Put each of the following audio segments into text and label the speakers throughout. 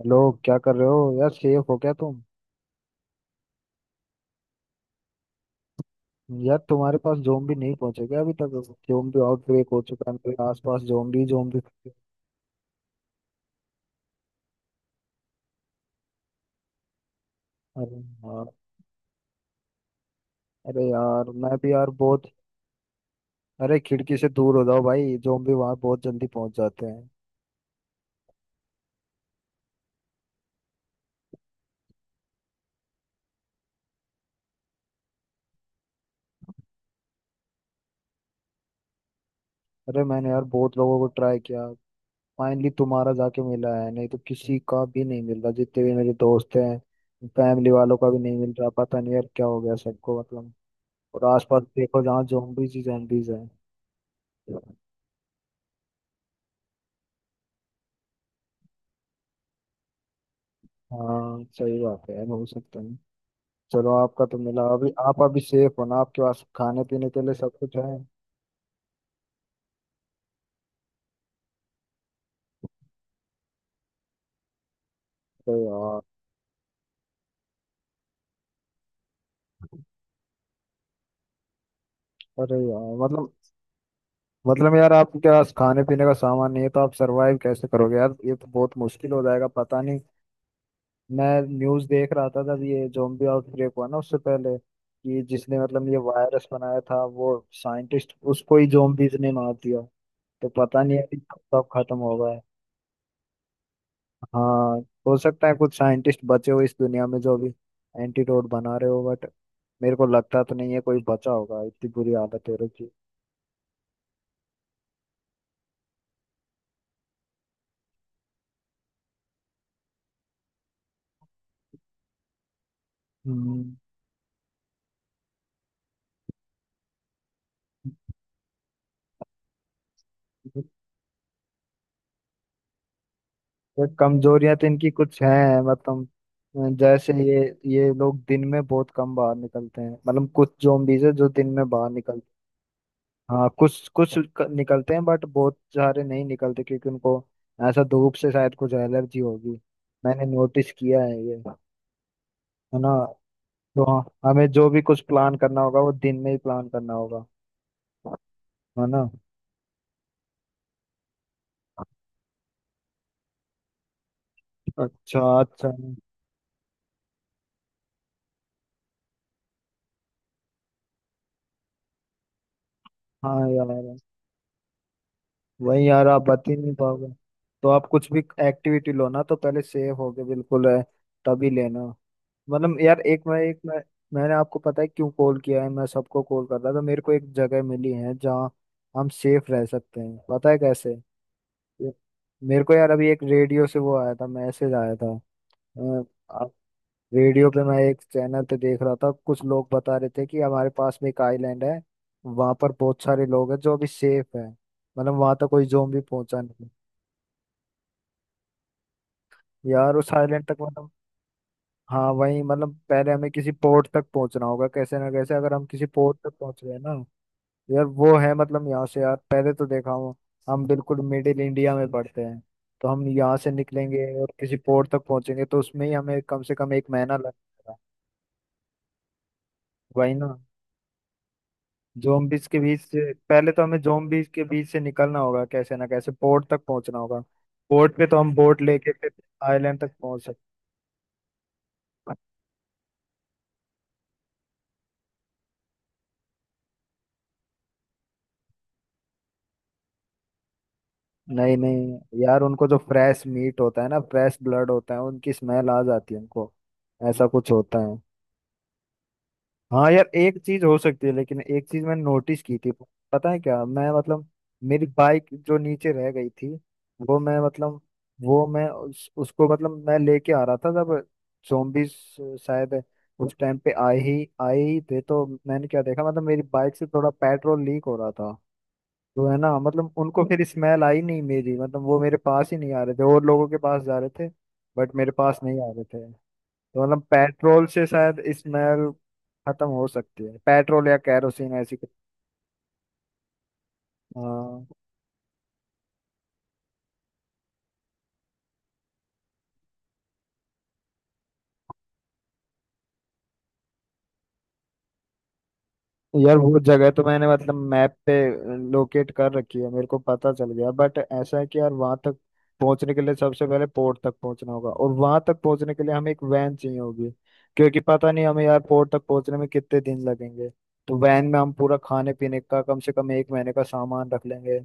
Speaker 1: Hello. क्या कर रहे हो यार? सेफ हो क्या तुम? यार तुम्हारे पास जोम्बी नहीं पहुंचे क्या अभी तक? जोम्बी आउटब्रेक हो चुका है, मेरे आसपास जोम्बी जोम्बी। अरे यार। अरे यार मैं भी यार बहुत। अरे खिड़की से दूर हो जाओ भाई, जोम्बी वहां बहुत जल्दी पहुंच जाते हैं। अरे मैंने यार बहुत लोगों को ट्राई किया। फाइनली तुम्हारा जाके मिला है, नहीं तो किसी का भी नहीं मिल रहा जितने भी मेरे दोस्त हैं। फैमिली वालों का भी नहीं मिल रहा, पता नहीं यार क्या हो गया सबको मतलब। और आसपास देखो जहाँ जोम्बीज ही जोम्बीज हैं। हाँ सही बात है यार, हो सकता है। चलो आपका तो मिला, अभी आप अभी सेफ हो ना? आपके पास खाने पीने के लिए सब कुछ है? अरे यार। अरे यार मतलब। मतलब यार आपके पास खाने पीने का सामान नहीं है तो आप सरवाइव कैसे करोगे यार? ये तो बहुत मुश्किल हो जाएगा, पता नहीं। मैं न्यूज़ देख रहा था जब ये zombie आउटब्रेक हुआ ना, उससे पहले कि जिसने मतलब ये वायरस बनाया था वो साइंटिस्ट, उसको ही zombies ने मार दिया। तो पता नहीं है कि कब कब खत्म होगा। हाँ। हो सकता है कुछ साइंटिस्ट बचे हो इस दुनिया में जो अभी एंटीडोट बना रहे हो, बट मेरे को लगता तो नहीं है कोई बचा होगा, इतनी बुरी हालत है रखी। हम्म तो कमजोरियां तो इनकी कुछ हैं, मतलब जैसे ये लोग दिन में बहुत कम बाहर निकलते हैं। मतलब कुछ zombies है जो दिन में बाहर निकलते हैं। हाँ कुछ कुछ निकलते हैं बट बहुत सारे नहीं निकलते, क्योंकि उनको ऐसा धूप से शायद कुछ एलर्जी होगी। मैंने नोटिस किया है ये। है ना? तो हमें जो भी कुछ प्लान करना होगा वो दिन में ही प्लान करना होगा। है ना? अच्छा अच्छा। हाँ यार। वही यार आप बता ही नहीं पाओगे। तो आप कुछ भी एक्टिविटी लो ना तो पहले सेव होगे बिल्कुल है। तभी लेना। मतलब यार एक मैं। मैंने आपको पता है क्यों कॉल किया है? मैं सबको कॉल कर रहा था तो मेरे को एक जगह मिली है जहाँ हम सेफ रह सकते हैं, पता है कैसे? ये- मेरे को यार अभी एक रेडियो से वो आया था, मैसेज आया था। रेडियो पे मैं एक चैनल पे देख रहा था, कुछ लोग बता रहे थे कि हमारे पास में एक आइलैंड है, वहां पर बहुत सारे लोग हैं जो अभी सेफ है। मतलब वहां तक कोई ज़ोंबी पहुंचा नहीं। यार उस आइलैंड तक मतलब। हाँ वही मतलब पहले हमें किसी पोर्ट तक पहुंचना होगा कैसे ना कैसे, अगर हम किसी पोर्ट तक पहुंच गए ना। यार वो है मतलब यहाँ से, यार पहले तो देखा हूँ हम बिल्कुल मिडिल इंडिया में पड़ते हैं। तो हम यहाँ से निकलेंगे और किसी पोर्ट तक पहुंचेंगे तो उसमें ही हमें कम से कम एक महीना लगेगा। वही ना। जोम्बिस के बीच से पहले तो हमें जोम्बिस के बीच से निकलना होगा कैसे ना कैसे, पोर्ट तक पहुंचना होगा। पोर्ट पे तो हम बोट लेके फिर आइलैंड तक पहुंच सकते हैं। नहीं नहीं यार, उनको जो फ्रेश मीट होता है ना, फ्रेश ब्लड होता है, उनकी स्मेल आ जाती है उनको। ऐसा कुछ होता है। हाँ यार एक चीज हो सकती है, लेकिन एक चीज मैंने नोटिस की थी, पता है क्या मैं मतलब? मेरी बाइक जो नीचे रह गई थी, वो मैं मतलब उसको मतलब मैं लेके आ रहा था जब zombies शायद उस टाइम पे आए ही थे, तो मैंने क्या देखा मतलब मेरी बाइक से थोड़ा पेट्रोल लीक हो रहा था। तो है ना मतलब उनको फिर स्मेल आई नहीं मेरी, मतलब वो मेरे पास ही नहीं आ रहे थे और लोगों के पास जा रहे थे, बट मेरे पास नहीं आ रहे थे। तो मतलब पेट्रोल से शायद स्मेल खत्म हो सकती है, पेट्रोल या कैरोसिन ऐसी कुछ। हाँ यार वो जगह तो मैंने मतलब मैप पे लोकेट कर रखी है, मेरे को पता चल गया, बट ऐसा है कि यार वहां तक पहुंचने के लिए सबसे पहले पोर्ट तक पहुंचना होगा, और वहां तक पहुंचने के लिए हमें एक वैन चाहिए होगी क्योंकि पता नहीं हमें यार पोर्ट तक पहुंचने में कितने दिन लगेंगे। तो वैन में हम पूरा खाने पीने का कम से कम एक महीने का सामान रख लेंगे,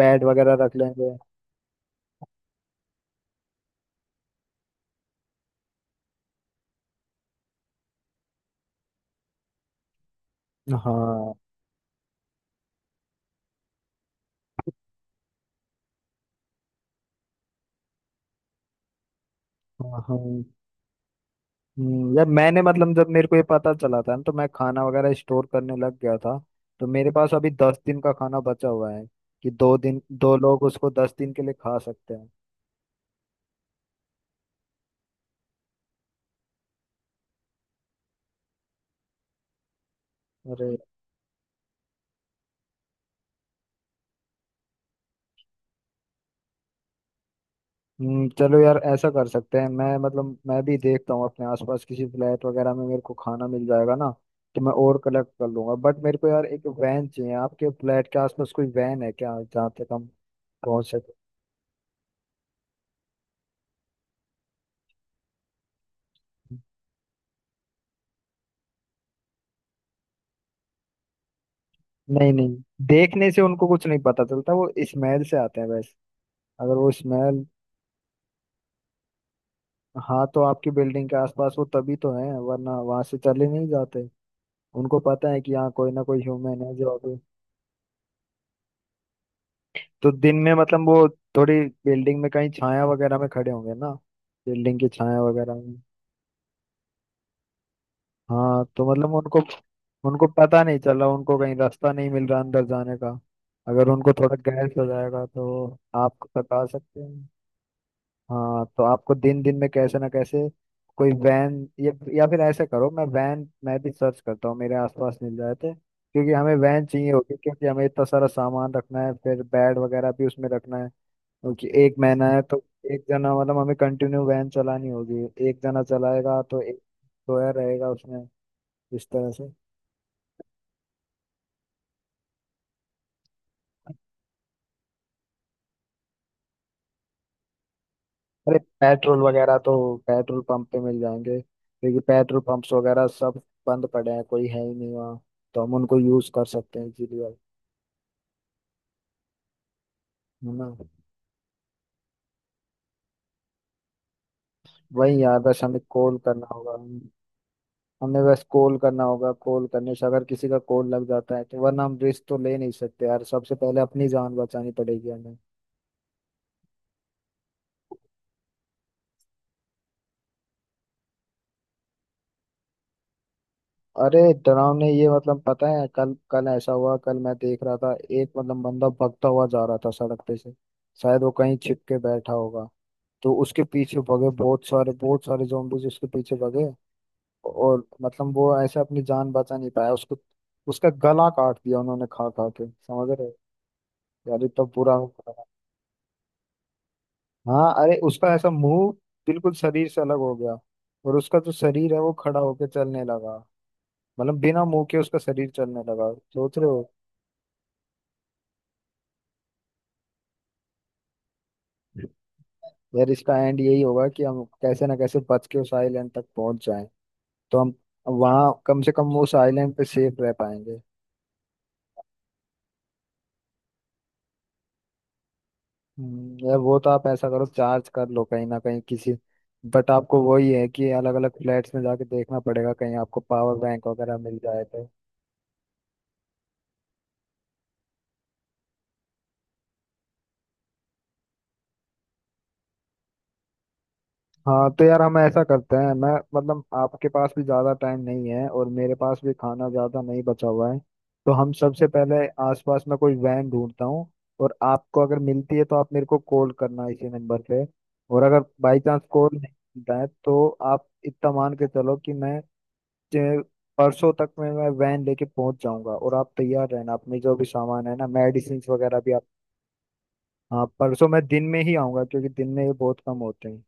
Speaker 1: बेड वगैरह रख लेंगे। हाँ हाँ हाँ। यार मैंने मतलब जब मेरे को ये पता चला था ना तो मैं खाना वगैरह स्टोर करने लग गया था, तो मेरे पास अभी 10 दिन का खाना बचा हुआ है कि 2 दिन दो लोग उसको 10 दिन के लिए खा सकते हैं। अरे। चलो यार ऐसा कर सकते हैं, मैं मतलब मैं भी देखता हूँ अपने आसपास किसी फ्लैट वगैरह में मेरे को खाना मिल जाएगा ना, तो मैं और कलेक्ट कर लूंगा। बट मेरे को यार एक वैन चाहिए, आपके फ्लैट के आसपास कोई वैन है क्या जहाँ तक हम पहुंच सके? नहीं नहीं, देखने से उनको कुछ नहीं पता चलता, वो स्मेल से आते हैं। अगर वो स्मेल। हाँ तो आपकी बिल्डिंग के आसपास वो तभी तो है, वरना वहां से चले नहीं जाते। उनको पता है कि यहाँ कोई ना कोई ह्यूमन है जो अभी। तो दिन में मतलब वो थोड़ी बिल्डिंग में कहीं छाया वगैरह में खड़े होंगे ना, बिल्डिंग की छाया वगैरह में। हाँ तो मतलब उनको, उनको पता नहीं चला, उनको कहीं रास्ता नहीं मिल रहा अंदर जाने का। अगर उनको थोड़ा गैस हो जाएगा तो आप सता सकते हैं। हाँ तो आपको दिन दिन में कैसे ना कैसे कोई वैन, या, या फिर ऐसे करो मैं वैन मैं भी सर्च करता हूँ मेरे आसपास मिल जाए थे, क्योंकि हमें वैन चाहिए होगी क्योंकि हमें इतना सारा सामान रखना है, फिर बेड वगैरह भी उसमें रखना है क्योंकि एक महीना है तो। एक जना मतलब हमें कंटिन्यू वैन चलानी होगी, एक जना चलाएगा तो एक सोया रहेगा उसमें, इस तरह से। अरे पेट्रोल वगैरह तो पेट्रोल पंप पे मिल जाएंगे, क्योंकि पेट्रोल पंप्स वगैरह सब बंद पड़े हैं, कोई है ही नहीं वहाँ। तो हम उनको यूज कर सकते हैं इजीली। है ना? वही यार बस हमें कॉल करना होगा। हमें बस कॉल करना होगा, कॉल करने से अगर किसी का कॉल लग जाता है तो, वरना हम रिस्क तो ले नहीं सकते यार, सबसे पहले अपनी जान बचानी पड़ेगी हमें। अरे डरावने ये मतलब पता है कल कल ऐसा हुआ, कल मैं देख रहा था एक मतलब बंदा भगता हुआ जा रहा था सड़क पे से, शायद वो कहीं छिप के बैठा होगा। तो उसके पीछे भगे बहुत सारे जोम्बीज उसके पीछे भगे। और मतलब वो ऐसे अपनी जान बचा नहीं पाया, उसको उसका गला काट दिया उन्होंने, खा खा के, समझ रहे हो? यार इतना पूरा हो गया। हाँ अरे उसका ऐसा मुंह बिल्कुल शरीर से अलग हो गया, और उसका जो शरीर है वो खड़ा होकर चलने लगा। मतलब बिना मुंह के उसका शरीर चलने लगा, सोच रहे हो? यार इसका एंड यही होगा कि हम कैसे ना कैसे बच के उस आइलैंड तक पहुंच जाएं, तो हम वहां कम से कम उस आइलैंड पे सेफ रह पाएंगे। यार वो तो आप ऐसा करो चार्ज कर लो कहीं ना कहीं किसी। बट आपको वही है कि अलग अलग फ्लैट्स में जाके देखना पड़ेगा, कहीं आपको पावर बैंक वगैरह मिल जाए तो। हाँ तो यार हम ऐसा करते हैं, मैं मतलब आपके पास भी ज़्यादा टाइम नहीं है और मेरे पास भी खाना ज़्यादा नहीं बचा हुआ है। तो हम सबसे पहले आसपास में कोई वैन ढूंढता हूँ, और आपको अगर मिलती है तो आप मेरे को कॉल करना इसी नंबर पे। और अगर बाई चांस कॉल नहीं मिलता है तो आप इतना मान के चलो कि मैं जे- परसों तक में मैं वैन लेके पहुंच जाऊंगा, और आप तैयार रहना, अपने जो भी सामान है ना, मेडिसिन वगैरह भी आप। हाँ परसों मैं दिन में ही आऊंगा, क्योंकि दिन में ये बहुत कम होते हैं।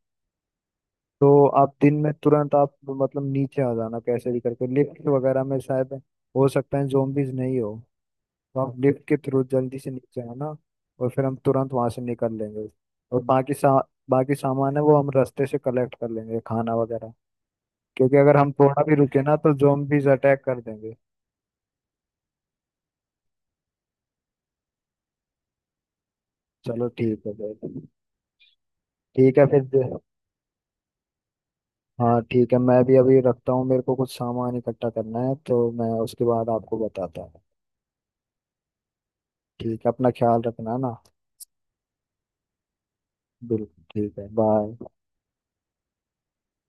Speaker 1: तो आप दिन में तुरंत आप मतलब नीचे आ जाना कैसे भी करके, लिफ्ट वगैरह में शायद हो सकता है जोम्बिस नहीं हो। तो आप लिफ्ट के थ्रू जल्दी से नीचे आना, और फिर हम तुरंत वहां से निकल लेंगे। और बाकी सामान है वो हम रास्ते से कलेक्ट कर लेंगे खाना वगैरह, क्योंकि अगर हम थोड़ा भी रुके ना तो जोम्बिस अटैक कर देंगे। चलो ठीक है भाई। ठीक है फिर हाँ ठीक है, मैं भी अभी रखता हूँ, मेरे को कुछ सामान इकट्ठा करना है तो मैं उसके बाद आपको बताता हूँ। ठीक है, अपना ख्याल रखना ना। बिल्कुल। ठीक है, बाय।